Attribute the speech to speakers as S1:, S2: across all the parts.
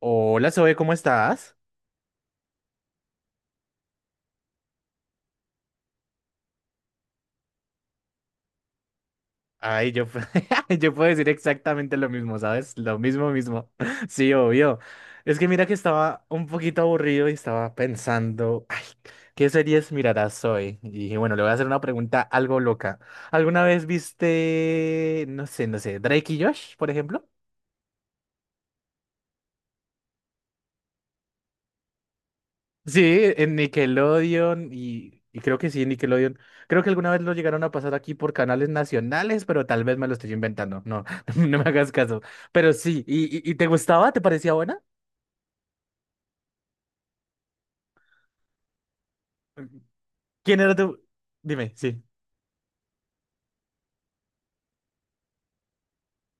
S1: Hola, Zoe, ¿cómo estás? Ay, yo, pu- yo puedo decir exactamente lo mismo, ¿sabes? Lo mismo, mismo. Sí, obvio. Es que mira que estaba un poquito aburrido y estaba pensando, ay, ¿qué series mirarás hoy? Y dije, bueno, le voy a hacer una pregunta algo loca. ¿Alguna vez viste, no sé, Drake y Josh, por ejemplo? Sí, en Nickelodeon y creo que sí, en Nickelodeon. Creo que alguna vez lo llegaron a pasar aquí por canales nacionales, pero tal vez me lo estoy inventando. No, no me hagas caso. Pero sí, ¿y te gustaba? ¿Te parecía buena? ¿Quién era tu...? Dime, sí.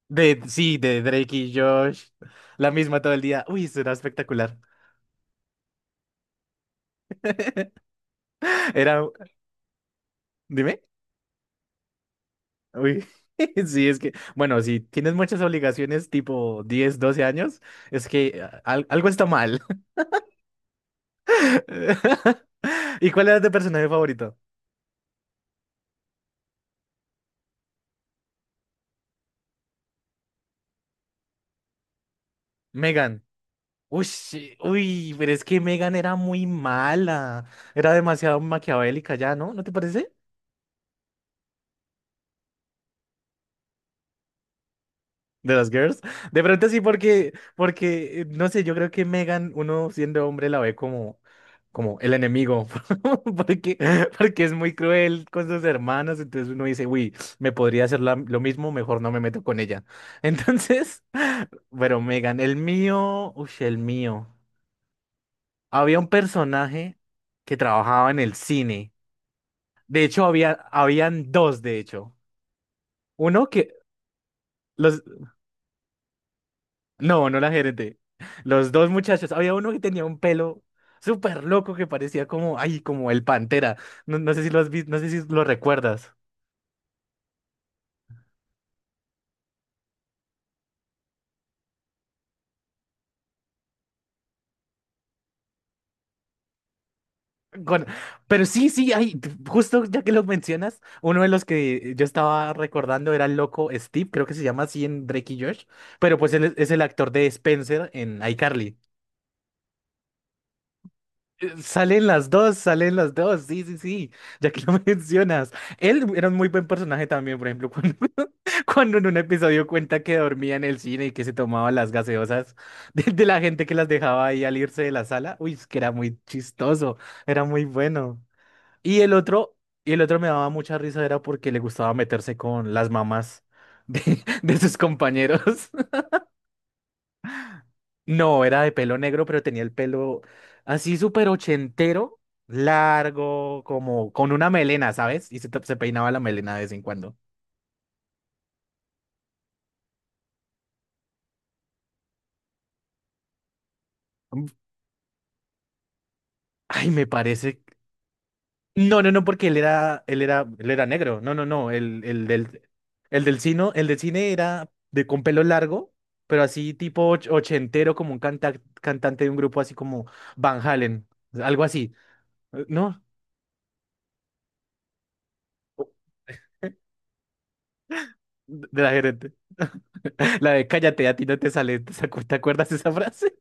S1: De, sí, de Drake y Josh. La misma todo el día. Uy, eso era espectacular. Era... Dime. Uy. Sí, es que, bueno, si tienes muchas obligaciones tipo 10, 12 años, es que algo está mal. ¿Y cuál era tu personaje favorito? Megan. Uy, sí, uy, pero es que Megan era muy mala. Era demasiado maquiavélica ya, ¿no? ¿No te parece? De las girls. De pronto sí, porque no sé, yo creo que Megan, uno siendo hombre, la ve como el enemigo. Porque, porque es muy cruel con sus hermanas. Entonces uno dice, uy, me podría hacer lo mismo, mejor no me meto con ella. Entonces, pero Megan, el mío, uy, el mío. Había un personaje que trabajaba en el cine. De hecho, habían dos, de hecho. Uno que, los, no, no la gerente. Los dos muchachos. Había uno que tenía un pelo súper loco que parecía como, ay, como el Pantera. No, no sé si lo has visto, no sé si lo recuerdas. Con- pero sí, sí, ay, justo ya que lo mencionas, uno de los que yo estaba recordando era el loco Steve, creo que se llama así en Drake y Josh, pero pues él es el actor de Spencer en iCarly. Salen las dos, sí, sí, sí, ya que lo mencionas. Él era un muy buen personaje también, por ejemplo, cuando, cuando en un episodio cuenta que dormía en el cine y que se tomaba las gaseosas de la gente que las dejaba ahí al irse de la sala. Uy, es que era muy chistoso, era muy bueno. Y el otro, y el otro me daba mucha risa, era porque le gustaba meterse con las mamás de, de sus compañeros. No, era de pelo negro, pero tenía el pelo así súper ochentero, largo, como con una melena, ¿sabes? Y se, te- se peinaba la melena de vez en cuando. Mm. Ay, me parece. No, no, no, porque él era negro. No, no, no. El del cine era de con pelo largo, pero así tipo och- ochentero, como un canta- cantante de un grupo así como Van Halen, algo así. ¿No? De la gerente. La de cállate, a ti no te sale. ¿Te acu- te acuerdas de esa frase?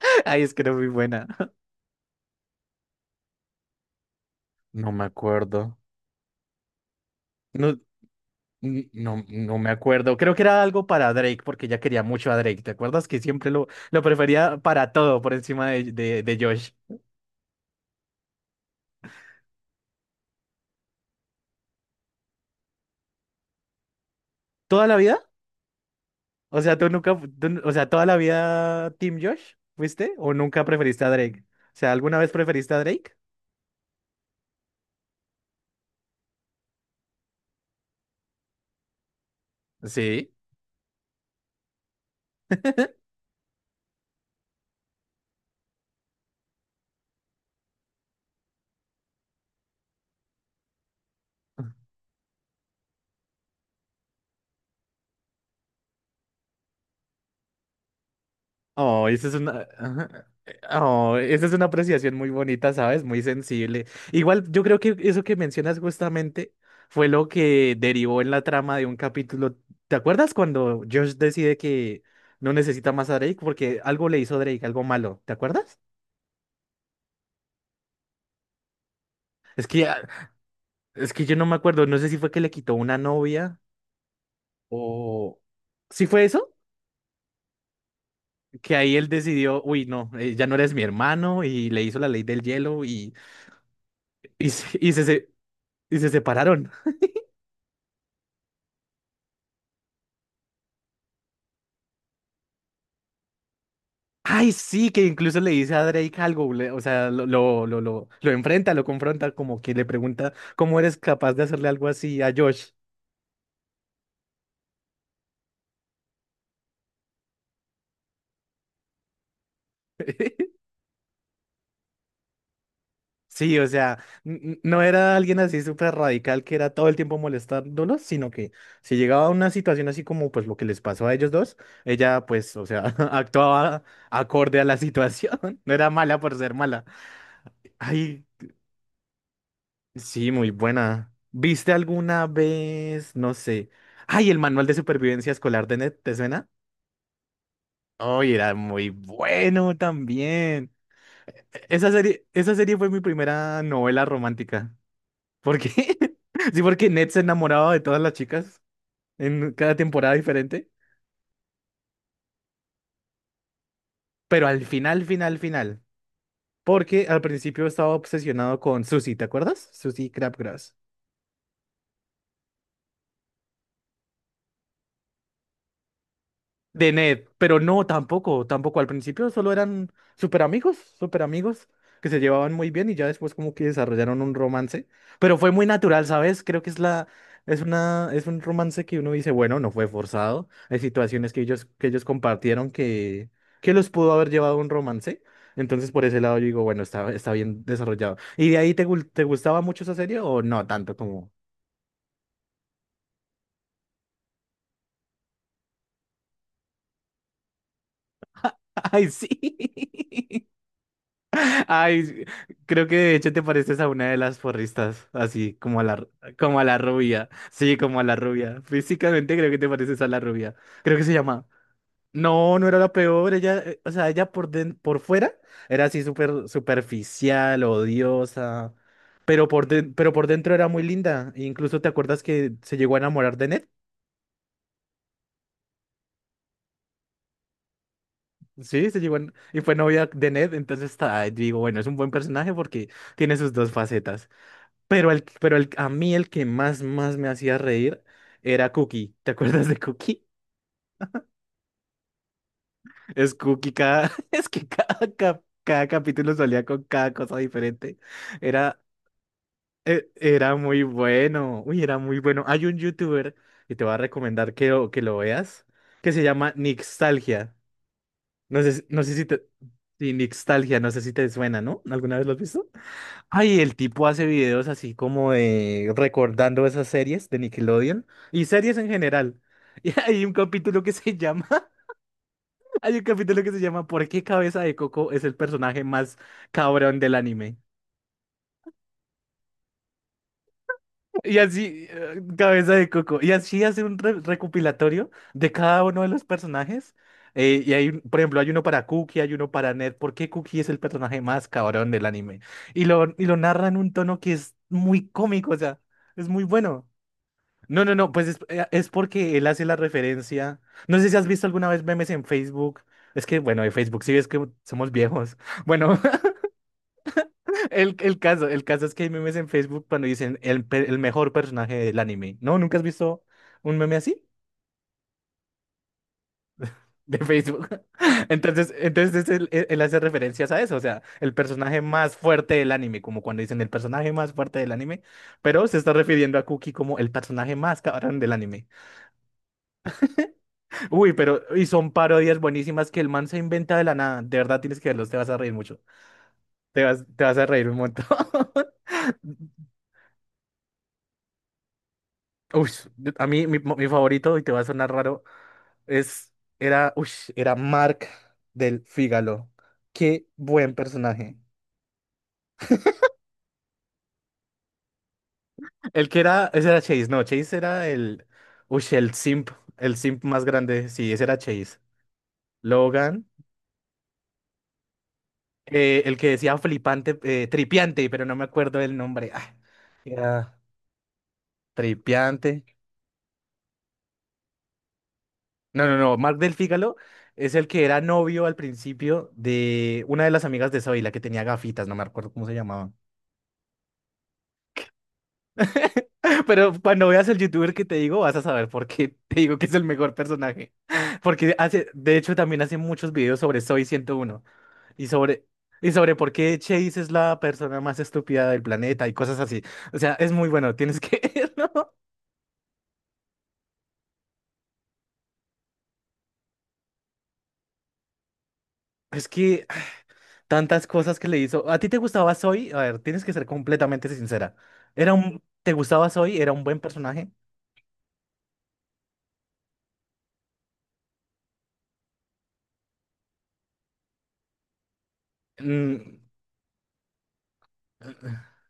S1: Ay, es que era muy buena. No me acuerdo. No, no me acuerdo. Creo que era algo para Drake, porque ya quería mucho a Drake. ¿Te acuerdas que siempre lo prefería para todo por encima de Josh? ¿Toda la vida? O sea, tú nunca, fu- tú n- o sea, toda la vida Team Josh, ¿fuiste? ¿O nunca preferiste a Drake? O sea, ¿alguna vez preferiste a Drake? Sí. Oh, esa es una... ajá, Oh, esa es una apreciación muy bonita, ¿sabes? Muy sensible. Igual, yo creo que eso que mencionas justamente fue lo que derivó en la trama de un capítulo. ¿Te acuerdas cuando Josh decide que no necesita más a Drake porque algo le hizo Drake, algo malo? ¿Te acuerdas? Es que, ah, es que yo no me acuerdo, no sé si fue que le quitó una novia o... ¿Sí fue eso? Que ahí él decidió, uy, no, ya no eres mi hermano y le hizo la ley del hielo y y se separaron. Ay, sí, que incluso le dice a Drake algo, le- o sea, lo enfrenta, lo confronta, como que le pregunta cómo eres capaz de hacerle algo así a Josh. Sí, o sea, no era alguien así súper radical que era todo el tiempo molestándolos, sino que si llegaba a una situación así como pues lo que les pasó a ellos dos, ella pues, o sea, actuaba acorde a la situación, no era mala por ser mala. Ay. Sí, muy buena. ¿Viste alguna vez? No sé. Ay, el manual de supervivencia escolar de Ned, ¿te suena? Ay, era muy bueno también. Esa serie fue mi primera novela romántica. ¿Por qué? Sí, porque Ned se enamoraba de todas las chicas en cada temporada diferente. Pero al final, final, final. Porque al principio estaba obsesionado con Susie, ¿te acuerdas? Susie Crabgrass. De Ned, pero no, tampoco, tampoco. Al principio solo eran súper amigos, que se llevaban muy bien y ya después como que desarrollaron un romance, pero fue muy natural, ¿sabes? Creo que es la, es una, es un romance que uno dice, bueno, no fue forzado. Hay situaciones que ellos compartieron que los pudo haber llevado a un romance. Entonces por ese lado yo digo, bueno, está bien desarrollado. ¿Y de ahí te, gu- te gustaba mucho esa serie o no tanto como... Ay, sí. Ay, sí, creo que de hecho te pareces a una de las porristas, así como a como a la rubia. Sí, como a la rubia. Físicamente creo que te pareces a la rubia. Creo que se llama. No, no era la peor. Ella, o sea, ella por, den- por fuera era así súper superficial, odiosa. Pero por, den- pero por dentro era muy linda. E incluso te acuerdas que se llegó a enamorar de Ned. Sí, se llegó a en- y fue novia de Ned. Entonces, está, digo, bueno, es un buen personaje porque tiene sus dos facetas. Pero el, a mí el que más me hacía reír era Cookie. ¿Te acuerdas de Cookie? Es Cookie cada... Es que cada, cap- cada capítulo salía con cada cosa diferente. Era, era muy bueno. Uy, era muy bueno. Hay un youtuber y te voy a recomendar que lo veas, que se llama Nixtalgia. No sé, si- no sé si te... Sí, Nixtalgia, no sé si te suena, ¿no? ¿Alguna vez lo has visto? Ay, el tipo hace videos así como de recordando esas series de Nickelodeon y series en general. Y hay un capítulo que se llama, hay un capítulo que se llama ¿Por qué Cabeza de Coco es el personaje más cabrón del anime? Y así, Cabeza de Coco. Y así hace un re- recopilatorio de cada uno de los personajes. Y hay, un- por ejemplo, hay uno para Cookie, hay uno para Ned. ¿Por qué Cookie es el personaje más cabrón del anime? Y lo narra en un tono que es muy cómico, o sea, es muy bueno. No, no, no, pues es porque él hace la referencia. No sé si has visto alguna vez memes en Facebook. Es que, bueno, de Facebook sí ves que somos viejos. Bueno, el caso es que hay memes en Facebook cuando dicen el, pe- el mejor personaje del anime. ¿No? ¿Nunca has visto un meme así? De Facebook. Entonces, entonces él hace referencias a eso. O sea, el personaje más fuerte del anime, como cuando dicen el personaje más fuerte del anime, pero se está refiriendo a Cookie como el personaje más cabrón del anime. Uy, pero y son parodias buenísimas que el man se inventa de la nada. De verdad tienes que verlos, te vas a reír mucho. Te vas a reír un montón. Uy, a mí mi favorito, y te va a sonar raro, es, era, uy, era Mark del Fígalo. Qué buen personaje. El que era, ese era Chase, no, Chase era el, uy, el simp más grande, sí, ese era Chase. Logan, el que decía flipante, tripiante, pero no me acuerdo el nombre. Ah, era- Tripiante. No, no, no. Mark del Fígalo es el que era novio al principio de una de las amigas de Zoe, la que tenía gafitas, no me acuerdo cómo se llamaba. Pero cuando veas el youtuber que te digo, vas a saber por qué te digo que es el mejor personaje. Porque hace, de hecho, también hace muchos videos sobre Zoe 101 y sobre, y sobre por qué Chase es la persona más estúpida del planeta y cosas así. O sea, es muy bueno, tienes que verlo. Es que tantas cosas que le hizo. ¿A ti te gustaba Zoe? A ver, tienes que ser completamente sincera. Era un... ¿Te gustaba Zoe? ¿Era un buen personaje? Mm.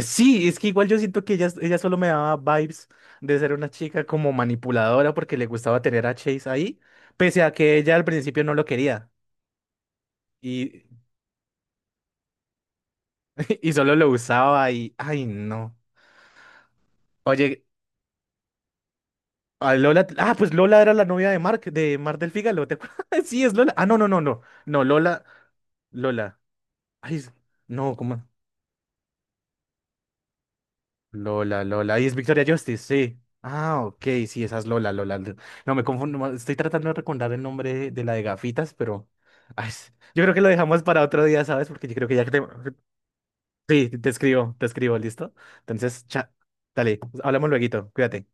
S1: Sí, es que igual yo siento que ella solo me daba vibes de ser una chica como manipuladora porque le gustaba tener a Chase ahí, pese a que ella al principio no lo quería y, y solo lo usaba y... Ay, no. Oye, a Lola... Ah, pues Lola era la novia de Mark, de Mark del Fígalo, ¿te acuerdas? Sí, es Lola. Ah, no, no, no, no. No, Lola... Lola. Ay, es- no, ¿cómo? Lola, Lola. Ahí es Victoria Justice, sí. Ah, ok, sí, esa es Lola, Lola. Lo- no, me confundo. Ma- estoy tratando de recordar el nombre de la de gafitas, pero. Ay, es- yo creo que lo dejamos para otro día, ¿sabes? Porque yo creo que ya que te. Sí, te escribo, ¿listo? Entonces, cha, dale, hablamos lueguito, cuídate.